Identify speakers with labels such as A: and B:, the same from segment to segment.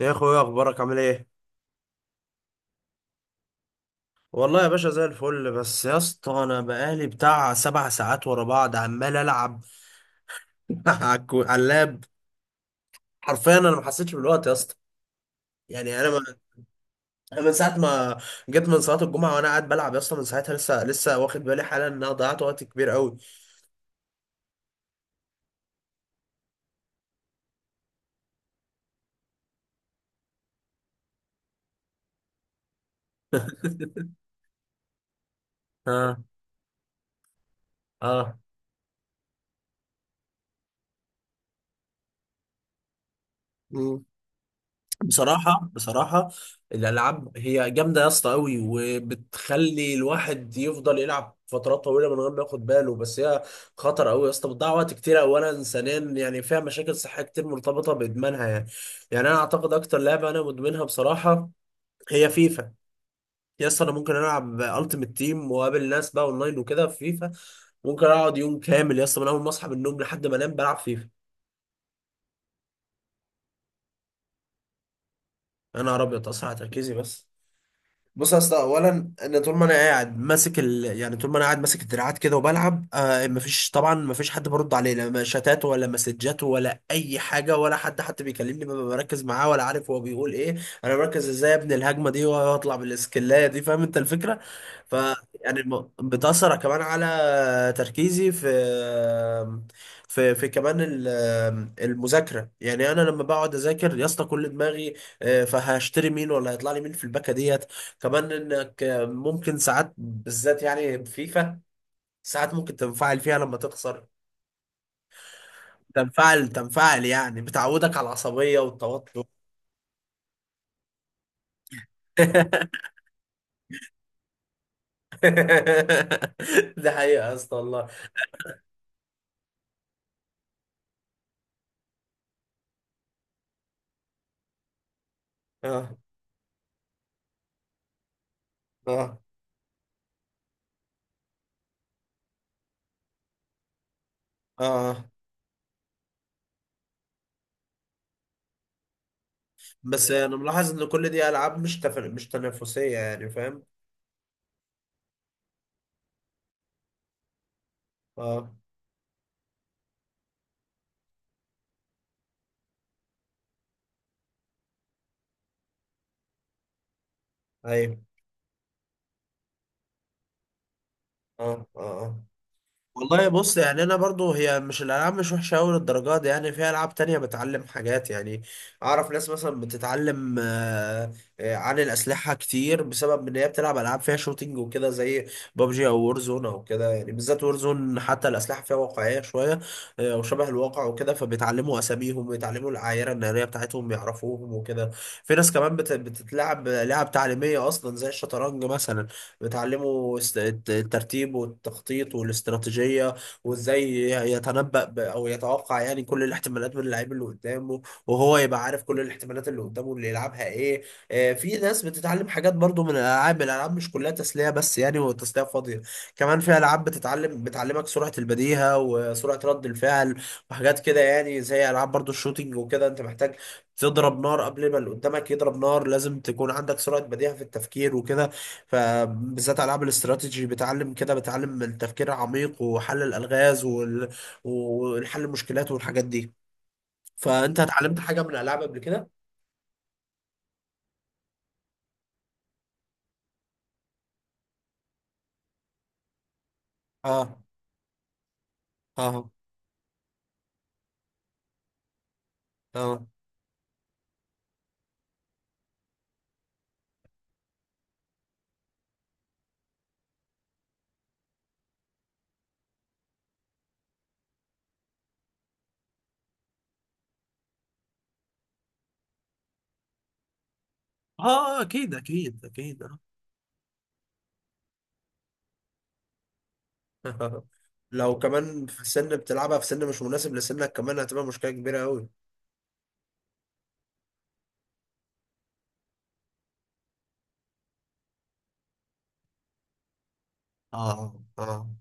A: يا اخويا، اخبارك عامل ايه؟ والله يا باشا زي الفل. بس يا اسطى انا بقالي بتاع سبع ساعات ورا بعض عمال العب على اللاب. حرفيا انا ما حسيتش بالوقت يا اسطى. يعني انا ما... أنا من ساعه ما جيت من صلاه الجمعه وانا قاعد بلعب يا اسطى، من ساعتها لسه لسه واخد بالي حالا ان انا ضيعت وقت كبير قوي. اه، اه. مم. بصراحة، بصراحة الألعاب هي جامدة يا اسطى أوي، وبتخلي الواحد يفضل يلعب فترات طويلة من غير ما ياخد باله، بس هي خطر أوي يا اسطى، بتضيع وقت كتير أولا، ثانيا يعني فيها مشاكل صحية كتير مرتبطة بإدمانها. يعني يعني أنا أعتقد أكتر لعبة أنا مدمنها بصراحة هي فيفا. يا اسطى أنا ممكن ألعب ألتيمت تيم وأقابل ناس بقى أونلاين وكده في فيفا، ممكن أقعد يوم كامل يا اسطى من أول ما أصحى من النوم لحد ما أنام بلعب فيفا. أنا أبيض أصحى على تركيزي بس. بص يا اسطى، اولا ان طول ما انا قاعد ماسك يعني طول ما انا قاعد ماسك الدراعات كده وبلعب، آه، مفيش طبعا، مفيش حد برد عليه، لا شتات ولا مسجات ولا اي حاجه، ولا حد حتى بيكلمني ببقى مركز معاه ولا عارف هو بيقول ايه. انا مركز ازاي ابني الهجمه دي واطلع بالاسكلايه دي، فاهم انت الفكره. ف يعني بتاثر كمان على تركيزي في في كمان المذاكره. يعني انا لما بقعد اذاكر يا اسطى كل دماغي فهشتري مين ولا هيطلع لي مين في الباكه ديت. كمان انك ممكن ساعات، بالذات يعني فيفا، ساعات ممكن تنفعل فيها لما تخسر. تنفعل تنفعل، يعني بتعودك على العصبية والتوتر. ده حقيقة يا اسطى والله. اه، اه، اه، آه. بس انا ملاحظ ان كل دي العاب مش تنافسية، يعني فاهم. اه، ايوه، اه، اه، آه. والله بص، يعني انا برضو هي مش الالعاب مش وحشه قوي للدرجه دي، يعني في العاب تانية بتعلم حاجات. يعني اعرف ناس مثلا بتتعلم عن الاسلحه كتير بسبب ان هي بتلعب العاب فيها شوتينج وكده، زي بابجي او وورزون او كده، يعني بالذات وورزون حتى الاسلحه فيها واقعيه شويه، وشبه الواقع وكده، فبيتعلموا اساميهم ويتعلموا العايره الناريه بتاعتهم يعرفوهم وكده. في ناس كمان بتتلعب لعب تعليميه اصلا زي الشطرنج مثلا، بتعلمه الترتيب والتخطيط والاستراتيجية، وازاي يتنبأ او يتوقع، يعني كل الاحتمالات من اللعيب اللي قدامه، وهو يبقى عارف كل الاحتمالات اللي قدامه اللي يلعبها ايه. في ناس بتتعلم حاجات برضو من الالعاب. الالعاب مش كلها تسلية بس يعني وتسلية فاضية، كمان في العاب بتعلمك سرعة البديهة وسرعة رد الفعل وحاجات كده، يعني زي العاب برضو الشوتينج وكده انت محتاج تضرب نار قبل ما اللي قدامك يضرب نار، لازم تكون عندك سرعة بديهة في التفكير وكده. فبالذات العاب الاستراتيجي بتعلم كده، بتعلم التفكير العميق وحل الالغاز والحل المشكلات والحاجات دي. فانت اتعلمت حاجه من الالعاب قبل كده؟ اه، اه، اه، اه، اكيد اكيد اكيد. آه. لو كمان في سن بتلعبها في سن مش مناسب لسنك كمان، هتبقى مشكله كبيره قوي. اه،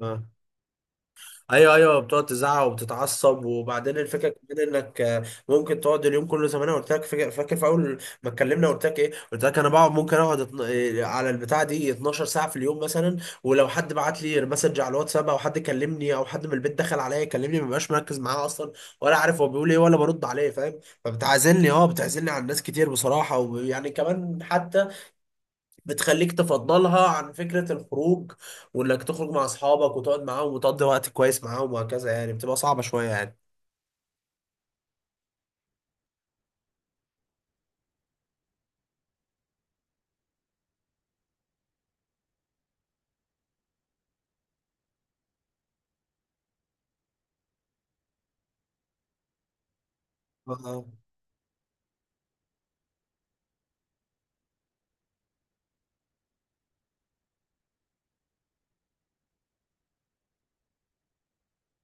A: اه، ايوه، ايوه. بتقعد تزعق وبتتعصب، وبعدين الفكره كمان انك ممكن تقعد اليوم كله، زي ما انا قلت لك، فاكر فاكر في اول ما اتكلمنا قلت لك ايه؟ قلت لك انا بقعد، ممكن اقعد اتن- إيه، على البتاع دي 12 ساعه في اليوم مثلا. ولو حد بعت لي مسج على الواتساب او حد كلمني او حد من البيت دخل عليا يكلمني، ما ببقاش مركز معاه اصلا، ولا عارف هو بيقول ايه ولا برد عليه، فاهم. فبتعزلني اه بتعزلني عن ناس كتير بصراحه، ويعني كمان حتى بتخليك تفضلها عن فكرة الخروج وانك تخرج مع اصحابك وتقعد معاهم وتقضي وقت كويس معاهم وهكذا، يعني بتبقى صعبة شوية يعني. اه.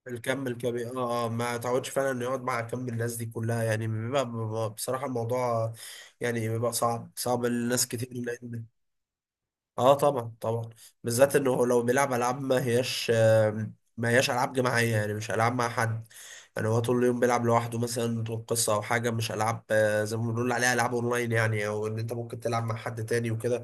A: الكم الكبير، اه، ما تعودش فعلا انه يقعد مع كم الناس دي كلها، يعني بصراحة الموضوع يعني بيبقى صعب صعب لناس كتير، اه، طبعا طبعا. بالذات انه لو بيلعب العاب ما هياش، ما هياش العاب جماعية، يعني مش العاب مع حد، يعني هو طول اليوم بيلعب لوحده مثلا طول قصة أو حاجة، مش ألعاب زي ما بنقول عليها ألعاب أونلاين يعني، أو إن أنت ممكن تلعب مع حد تاني وكده.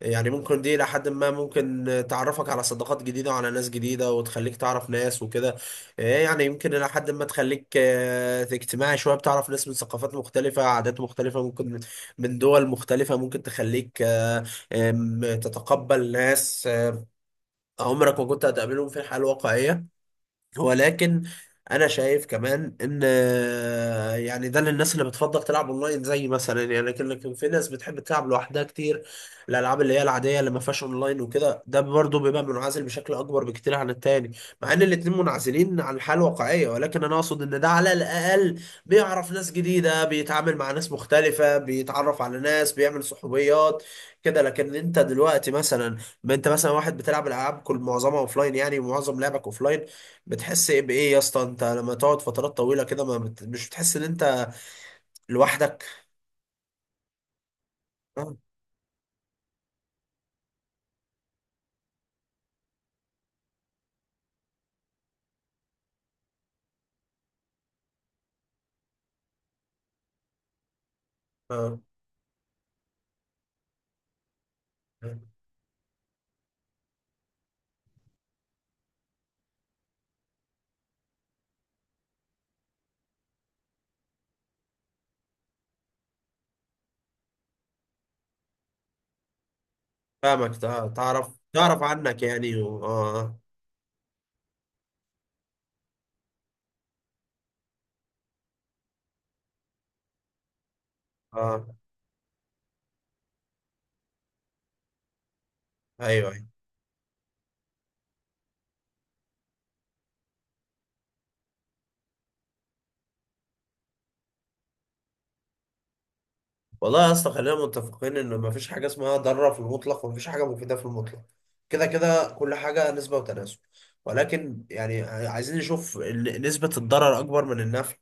A: يعني ممكن دي إلى حد ما ممكن تعرفك على صداقات جديدة وعلى ناس جديدة، وتخليك تعرف ناس وكده. يعني يمكن إلى حد ما تخليك اجتماعي شوية، بتعرف ناس من ثقافات مختلفة، عادات مختلفة، ممكن من دول مختلفة، ممكن تخليك آه، آم، تتقبل ناس عمرك ما كنت هتقابلهم في الحياة الواقعية. ولكن انا شايف كمان ان، يعني ده للناس اللي بتفضل تلعب اونلاين زي مثلا، يعني لكن في ناس بتحب تلعب لوحدها كتير، الالعاب اللي هي العاديه اللي ما فيهاش اونلاين وكده، ده برضه بيبقى منعزل بشكل اكبر بكتير عن التاني. مع ان الاتنين منعزلين عن الحياه الواقعيه، ولكن انا اقصد ان ده على الاقل بيعرف ناس جديده، بيتعامل مع ناس مختلفه، بيتعرف على ناس، بيعمل صحوبيات كده. لكن انت دلوقتي مثلا، ما انت مثلا واحد بتلعب العاب كل معظمها اوفلاين يعني، ومعظم لعبك اوفلاين، بتحس ايه بايه يا اسطى انت لما تقعد فترات طويله كده، ما بت... مش بتحس ان انت لوحدك؟ اه، اه، آه. فاهمك، تعرف عنك يعني اه. اه، آه. ايوه، ايوه. والله يا اسطى، خلينا متفقين ان ما فيش حاجه اسمها ضاره في المطلق، وما فيش حاجه مفيده في المطلق، كده كده كل حاجه نسبه وتناسب. ولكن يعني عايزين نشوف نسبه الضرر اكبر من النفع،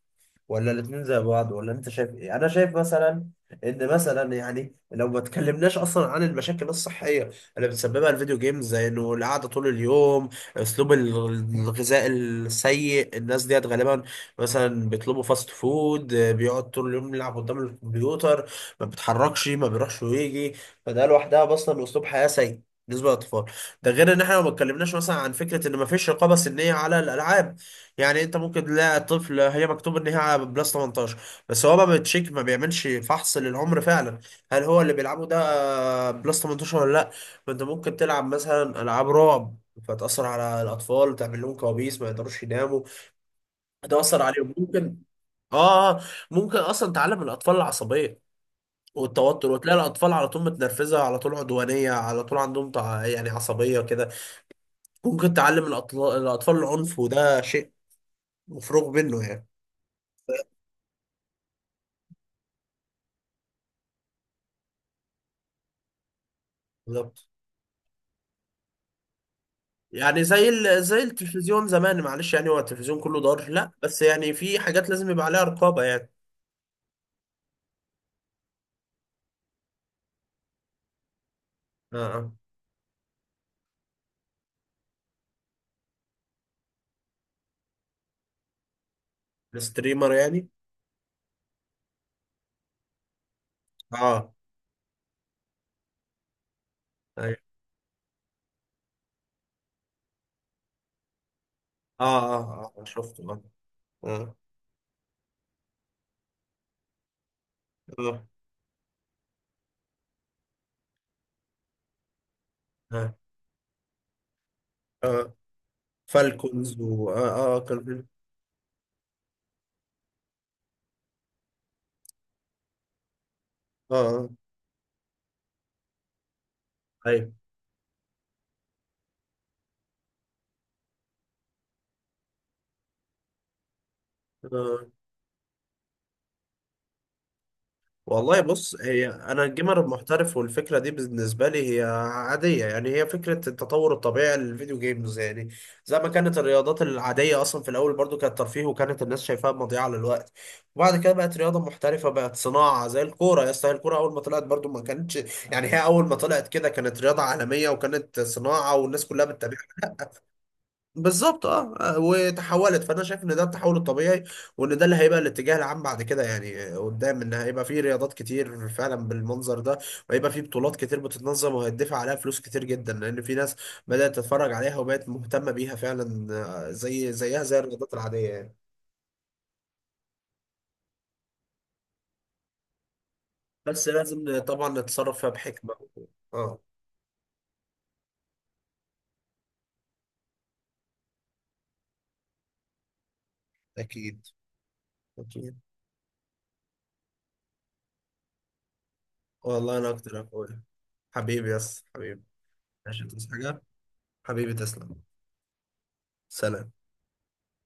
A: ولا الاتنين زي بعض، ولا انت شايف ايه؟ انا شايف مثلا ان مثلا يعني، لو ما اتكلمناش اصلا عن المشاكل الصحيه اللي بتسببها الفيديو جيمز، زي انه القعده طول اليوم، اسلوب الغذاء السيء، الناس ديت غالبا مثلا بيطلبوا فاست فود، بيقعد طول اليوم يلعب قدام الكمبيوتر، ما بيتحركش، ما بيروحش ويجي، فده لوحدها اصلا اسلوب حياه سيء بالنسبه للاطفال. ده غير ان احنا ما اتكلمناش مثلا عن فكره ان ما فيش رقابه سنيه على الالعاب، يعني انت ممكن تلاقي طفل هي مكتوب ان هي بلس 18، بس هو ما بتشيك، ما بيعملش فحص للعمر فعلا هل هو اللي بيلعبه ده بلس 18 ولا لا. ما انت ممكن تلعب مثلا العاب رعب فتأثر على الأطفال، تعمل لهم كوابيس ما يقدروش يناموا، هتأثر عليهم، ممكن اه آه، ممكن أصلا تعلم الأطفال العصبية والتوتر، وتلاقي الأطفال على طول متنرفزة، على طول عدوانية، على طول عندهم يعني عصبية كده. ممكن تعلم الأطفال العنف، وده شيء مفروغ منه يعني. بالظبط. يعني زي زي التلفزيون زمان معلش، يعني هو التلفزيون كله ضار؟ لا، بس يعني في حاجات لازم يبقى عليها رقابة يعني. اه، اه. الستريمر يعني. اه، ايوه، اه، اه، اه، آه، شفته، اه، اه، اه، اه، آه. فالكونز، و، اه، اه، اه، اه، ايوه، آه. والله بص، انا الجيمر المحترف والفكره دي بالنسبه لي هي عاديه، يعني هي فكره التطور الطبيعي للفيديو جيمز يعني، زي ما كانت الرياضات العاديه اصلا في الاول برضو كانت ترفيه وكانت الناس شايفاها مضيعه للوقت، وبعد كده بقت رياضه محترفه، بقت صناعه زي الكوره يا اسطى. الكوره اول ما طلعت برضو ما كانتش يعني، هي اول ما طلعت كده كانت رياضه عالميه وكانت صناعه، والناس كلها بالظبط. وتحولت، فانا شايف ان ده التحول الطبيعي، وان ده اللي هيبقى الاتجاه العام بعد كده يعني، قدام، ان هيبقى فيه رياضات كتير فعلا بالمنظر ده، وهيبقى فيه بطولات كتير بتتنظم، وهيدفع عليها فلوس كتير جدا، لان في ناس بدأت تتفرج عليها وبقت مهتمة بيها فعلا، زيها زي الرياضات العادية يعني. بس لازم طبعا نتصرف فيها بحكمة. اه، اكيد، اكيد. والله انا اكتر يا اخويا. حبيبي، يس حبيبي. عشان تصحى حاجة. حبيبي تسلم. سلام.